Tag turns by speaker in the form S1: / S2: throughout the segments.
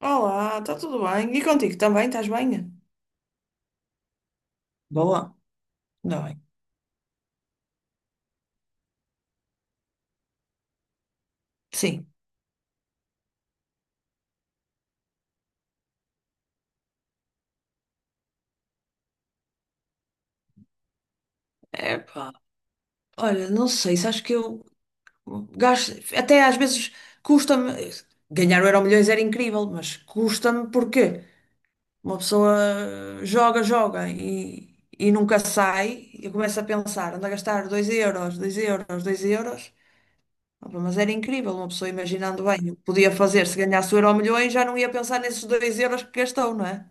S1: Olá, está tudo bem? E contigo também? Estás bem? Boa, ainda bem. Sim. Epá, olha, não sei, sabes que eu gasto, até às vezes custa-me, ganhar o Euromilhões era incrível, mas custa-me porque uma pessoa joga, joga e nunca sai, e eu começo a pensar, ando a gastar 2 euros, 2 euros, 2 euros. Opa, mas era incrível, uma pessoa imaginando bem, o que podia fazer se ganhasse o Euromilhões, já não ia pensar nesses 2 euros que gastou, não é?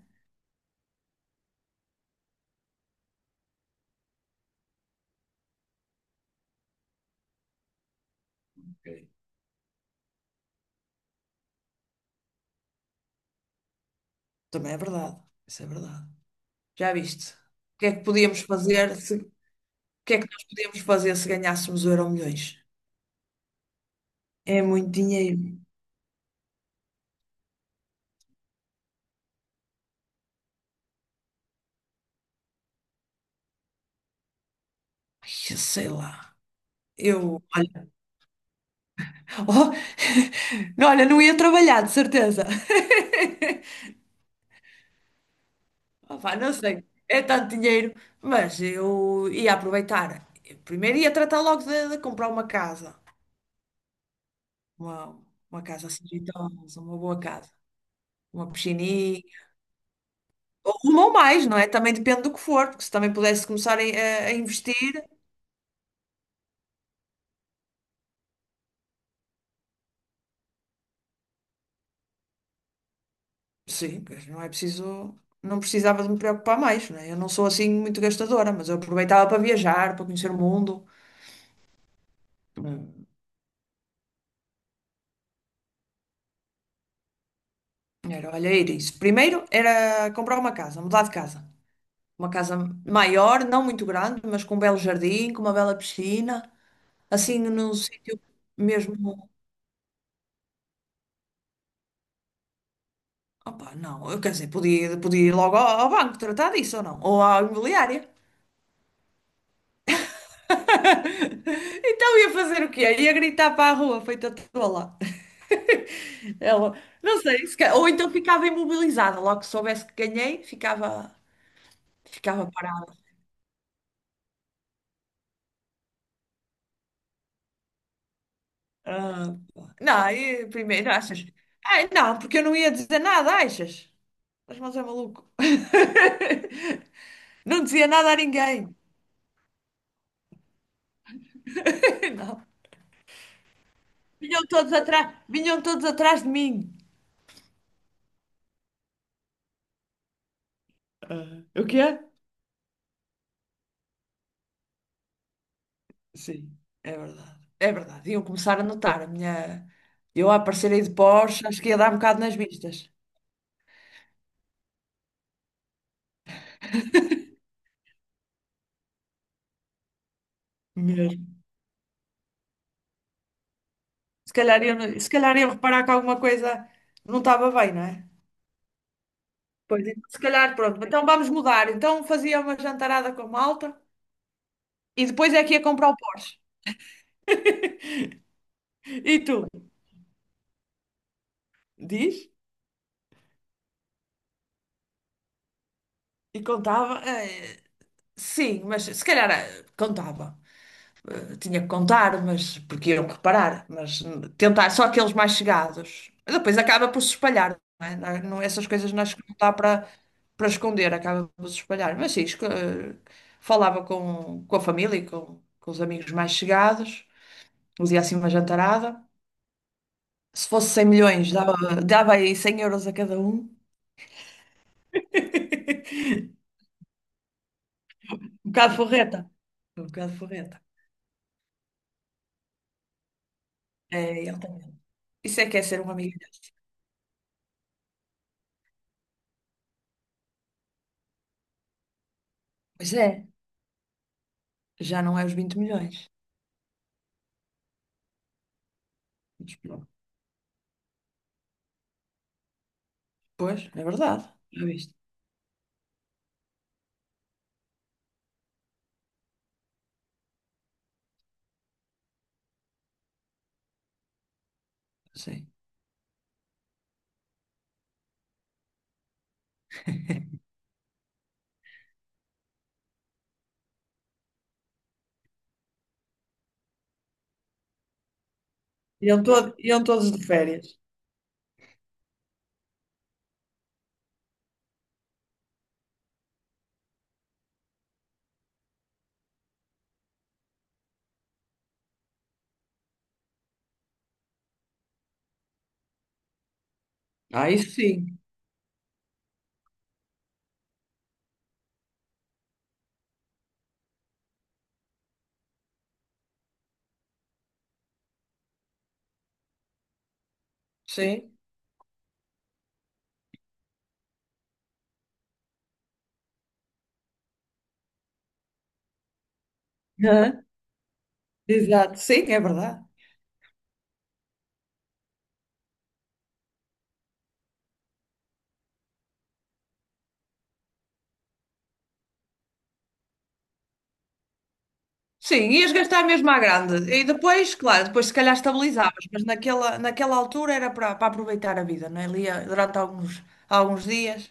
S1: Também é verdade. Isso é verdade. Já viste? O que é que podíamos fazer se, o que é que nós podíamos fazer se ganhássemos o Euro milhões. É muito dinheiro. Ai, eu sei lá. Eu, olha, oh, não, olha, não ia trabalhar, de certeza. Opa, não sei, é tanto dinheiro, mas eu ia aproveitar. Eu primeiro ia tratar logo de comprar uma casa, uma, uma casa assim jeitosa, uma boa casa, uma piscininha, rumam mais, não é? Também depende do que for, porque se também pudesse começar a investir, sim, pois não é preciso, não precisava de me preocupar mais, não é? Eu não sou assim muito gastadora, mas eu aproveitava para viajar, para conhecer o mundo. Hum, Era, olha, era isso. Primeiro era comprar uma casa, mudar de casa. Uma casa maior, não muito grande, mas com um belo jardim, com uma bela piscina, assim num sítio mesmo. Opa, não, eu quer dizer, podia, podia ir logo ao banco tratar disso ou não, ou à imobiliária. Então ia fazer o quê? Ia gritar para a rua, feita toda lá. Ela, não sei, se ca- ou então ficava imobilizada, logo que soubesse que ganhei, ficava, ficava parada. Ah, pá, não, e primeiro, achas? Ai, não, porque eu não ia dizer nada, achas? Mas é maluco. Não dizia nada a ninguém. Não. Vinham todos atrás de mim. Ah, o quê? Sim, é verdade. É verdade. Iam começar a notar a minha. Eu a aparecer aí de Porsche, acho que ia dar um bocado nas vistas. Mesmo. Se calhar iam, se calhar iam reparar que alguma coisa não estava bem, não é? Pois é. Se calhar, pronto. Então vamos mudar. Então fazia uma jantarada com a malta e depois é que ia comprar o Porsche. E tu? Diz? E contava? Sim, mas se calhar contava. Eu tinha que contar, mas porque iam reparar, mas tentar só aqueles mais chegados. E depois acaba por se espalhar, não é? Essas coisas nós não dá para esconder, acaba por se espalhar. Mas sim, falava com a família e com os amigos mais chegados, fazia assim uma jantarada. Se fosse 100 milhões, dava, dava aí 100 euros a cada um. Um bocado forreta. Um bocado forreta. É, ele também. Isso é que é ser um amigo. Pois é, já não é os 20 milhões. Pois, é verdade. Já viste? Sim. Iam, todo, iam todos de férias. Ah, isso sim. Sim. Hã? Exato, sim, é verdade. Sim, ias gastar mesmo à grande. E depois, claro, depois se calhar estabilizavas, mas naquela altura era para aproveitar a vida, não é? Ali durante alguns, alguns dias.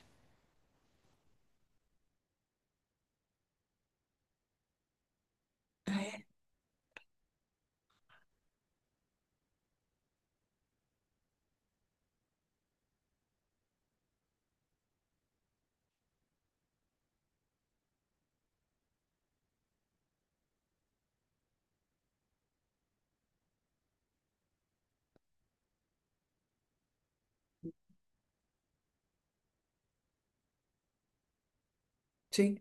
S1: Sim.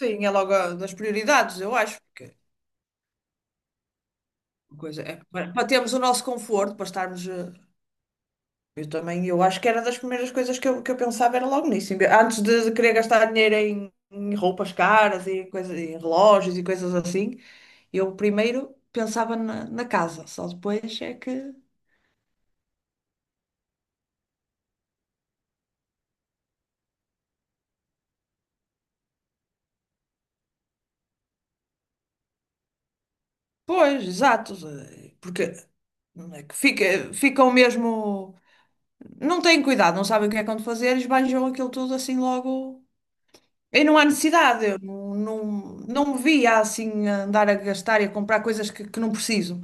S1: Sim, é logo a- das prioridades, eu acho, porque é uma coisa é para termos o nosso conforto, para estarmos eu também, eu acho que era das primeiras coisas que eu pensava era logo nisso. Em vez- antes de, querer gastar dinheiro em roupas caras e coisas, em relógios e coisas assim, eu primeiro pensava na casa, só depois é que. Pois, exato, porque não é que fica, ficam mesmo. Não têm cuidado, não sabem o que é que vão fazer e esbanjam aquilo tudo assim logo. E não há necessidade, eu não, não, não me via assim a andar a gastar e a comprar coisas que não preciso.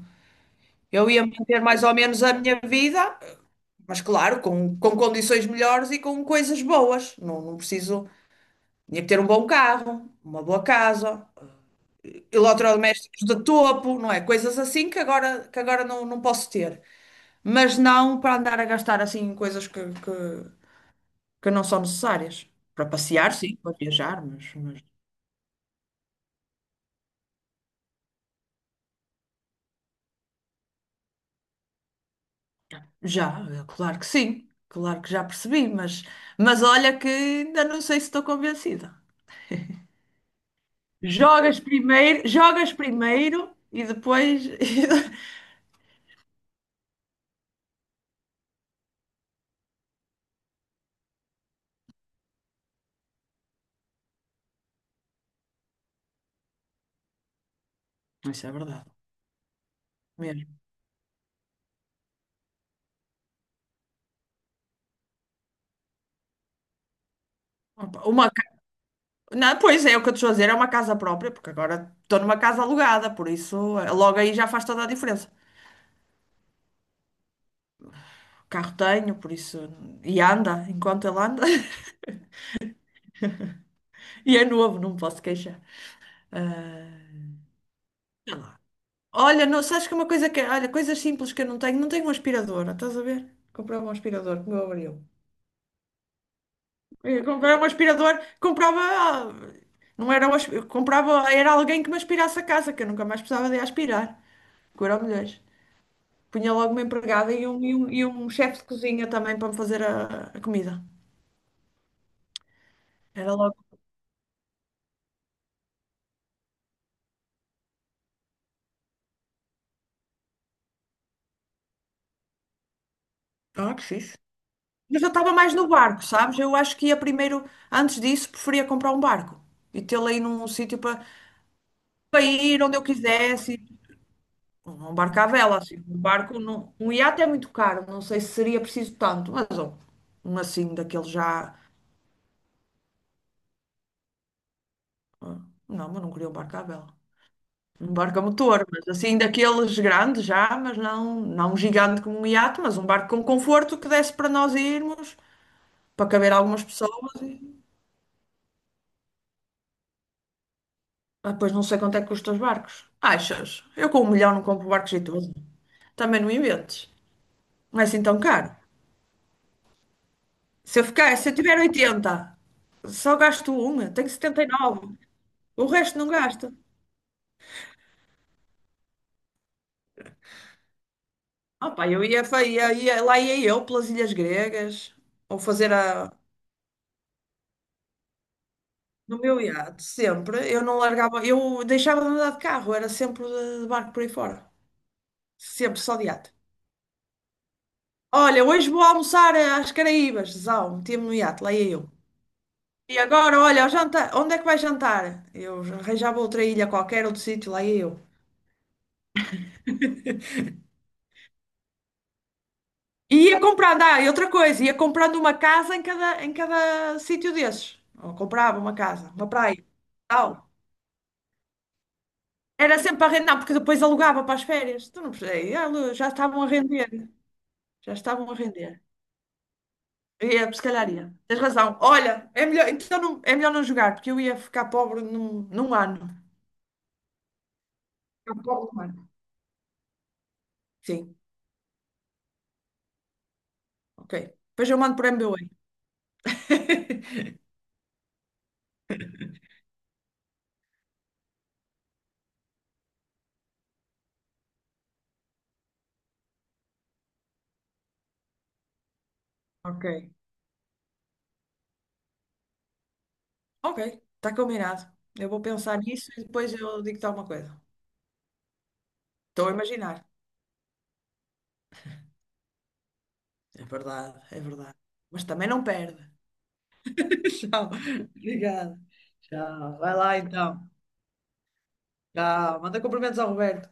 S1: Eu ia manter mais ou menos a minha vida, mas claro, com condições melhores e com coisas boas. Não, não preciso. Tinha que ter um bom carro, uma boa casa, eletrodomésticos de topo, não é? Coisas assim que agora, não posso ter. Mas não para andar a gastar assim em coisas que não são necessárias. Para passear, sim, para viajar, mas já, é claro que sim. Claro que já percebi, mas olha que ainda não sei se estou convencida. Jogas primeiro e depois. Isso é verdade, mesmo. Opa, Uma, ca- não, pois é, o que eu te estou a dizer é uma casa própria, porque agora estou numa casa alugada, por isso logo aí já faz toda a diferença. O carro tenho, por isso. E anda, enquanto ele anda. E é novo, não me posso queixar. Ah, sei lá. Olha, não, sabes que uma coisa que. Olha, coisas simples que eu não tenho, não tenho um aspirador, estás a ver? Comprar um aspirador que o meu abriu. Eu comprava um aspirador, comprava. Não era um eu comprava, era alguém que me aspirasse a casa, que eu nunca mais precisava de aspirar. Que eu mulheres. Punha logo uma empregada e um chefe de cozinha também para me fazer a comida. Era logo. Ah, que fixe. Mas eu estava mais no barco, sabes? Eu acho que ia primeiro, antes disso, preferia comprar um barco e tê-lo aí num sítio para ir onde eu quisesse. Um barco à vela, assim. Um barco, não, um iate é muito caro, não sei se seria preciso tanto, mas um assim, daquele já. ah, Não, mas não queria um barco à vela. Um barco a motor, mas assim, daqueles grandes já, não um gigante como um iate, mas um barco com conforto que desse para nós irmos, para caber algumas pessoas. E... Ah, pois não sei quanto é que custam os barcos. Achas? Eu com um milhão não compro barcos e tudo. Também não inventes. Não é assim tão caro. Se eu tiver 80, só gasto um, tenho 79. O resto não gasta. Ah, pá, eu ia, lá ia eu pelas Ilhas Gregas, ou fazer a, no meu iate, sempre. Eu não largava, eu deixava de andar de carro, era sempre de barco por aí fora. Sempre só de iate. Olha, hoje vou almoçar às Caraíbas, Zau, metia-me no iate, lá ia eu. E agora, olha, ao jantar, onde é que vais jantar? Eu arranjava outra ilha qualquer, outro sítio, lá ia eu. E ia comprando, ah, e outra coisa, ia comprando uma casa em cada sítio desses. Ou comprava uma casa, uma praia, tal. Era sempre a render, não, porque depois alugava para as férias. Tu não percebes? Ela- já estavam a render. Já estavam a render. Eu ia, se calhar ia. Tens razão. Olha, é melhor, então não, é melhor não jogar, porque eu ia ficar pobre num ano. Ficar pobre num ano. Sim, ok. Depois eu mando por MBWay. Ok. Ok, está combinado. Eu vou pensar nisso e depois eu digo-te alguma coisa. Estou a imaginar. É verdade, é verdade. Mas também não perde. Tchau. Obrigada. Tchau. Vai lá então. Ah, manda cumprimentos ao Roberto.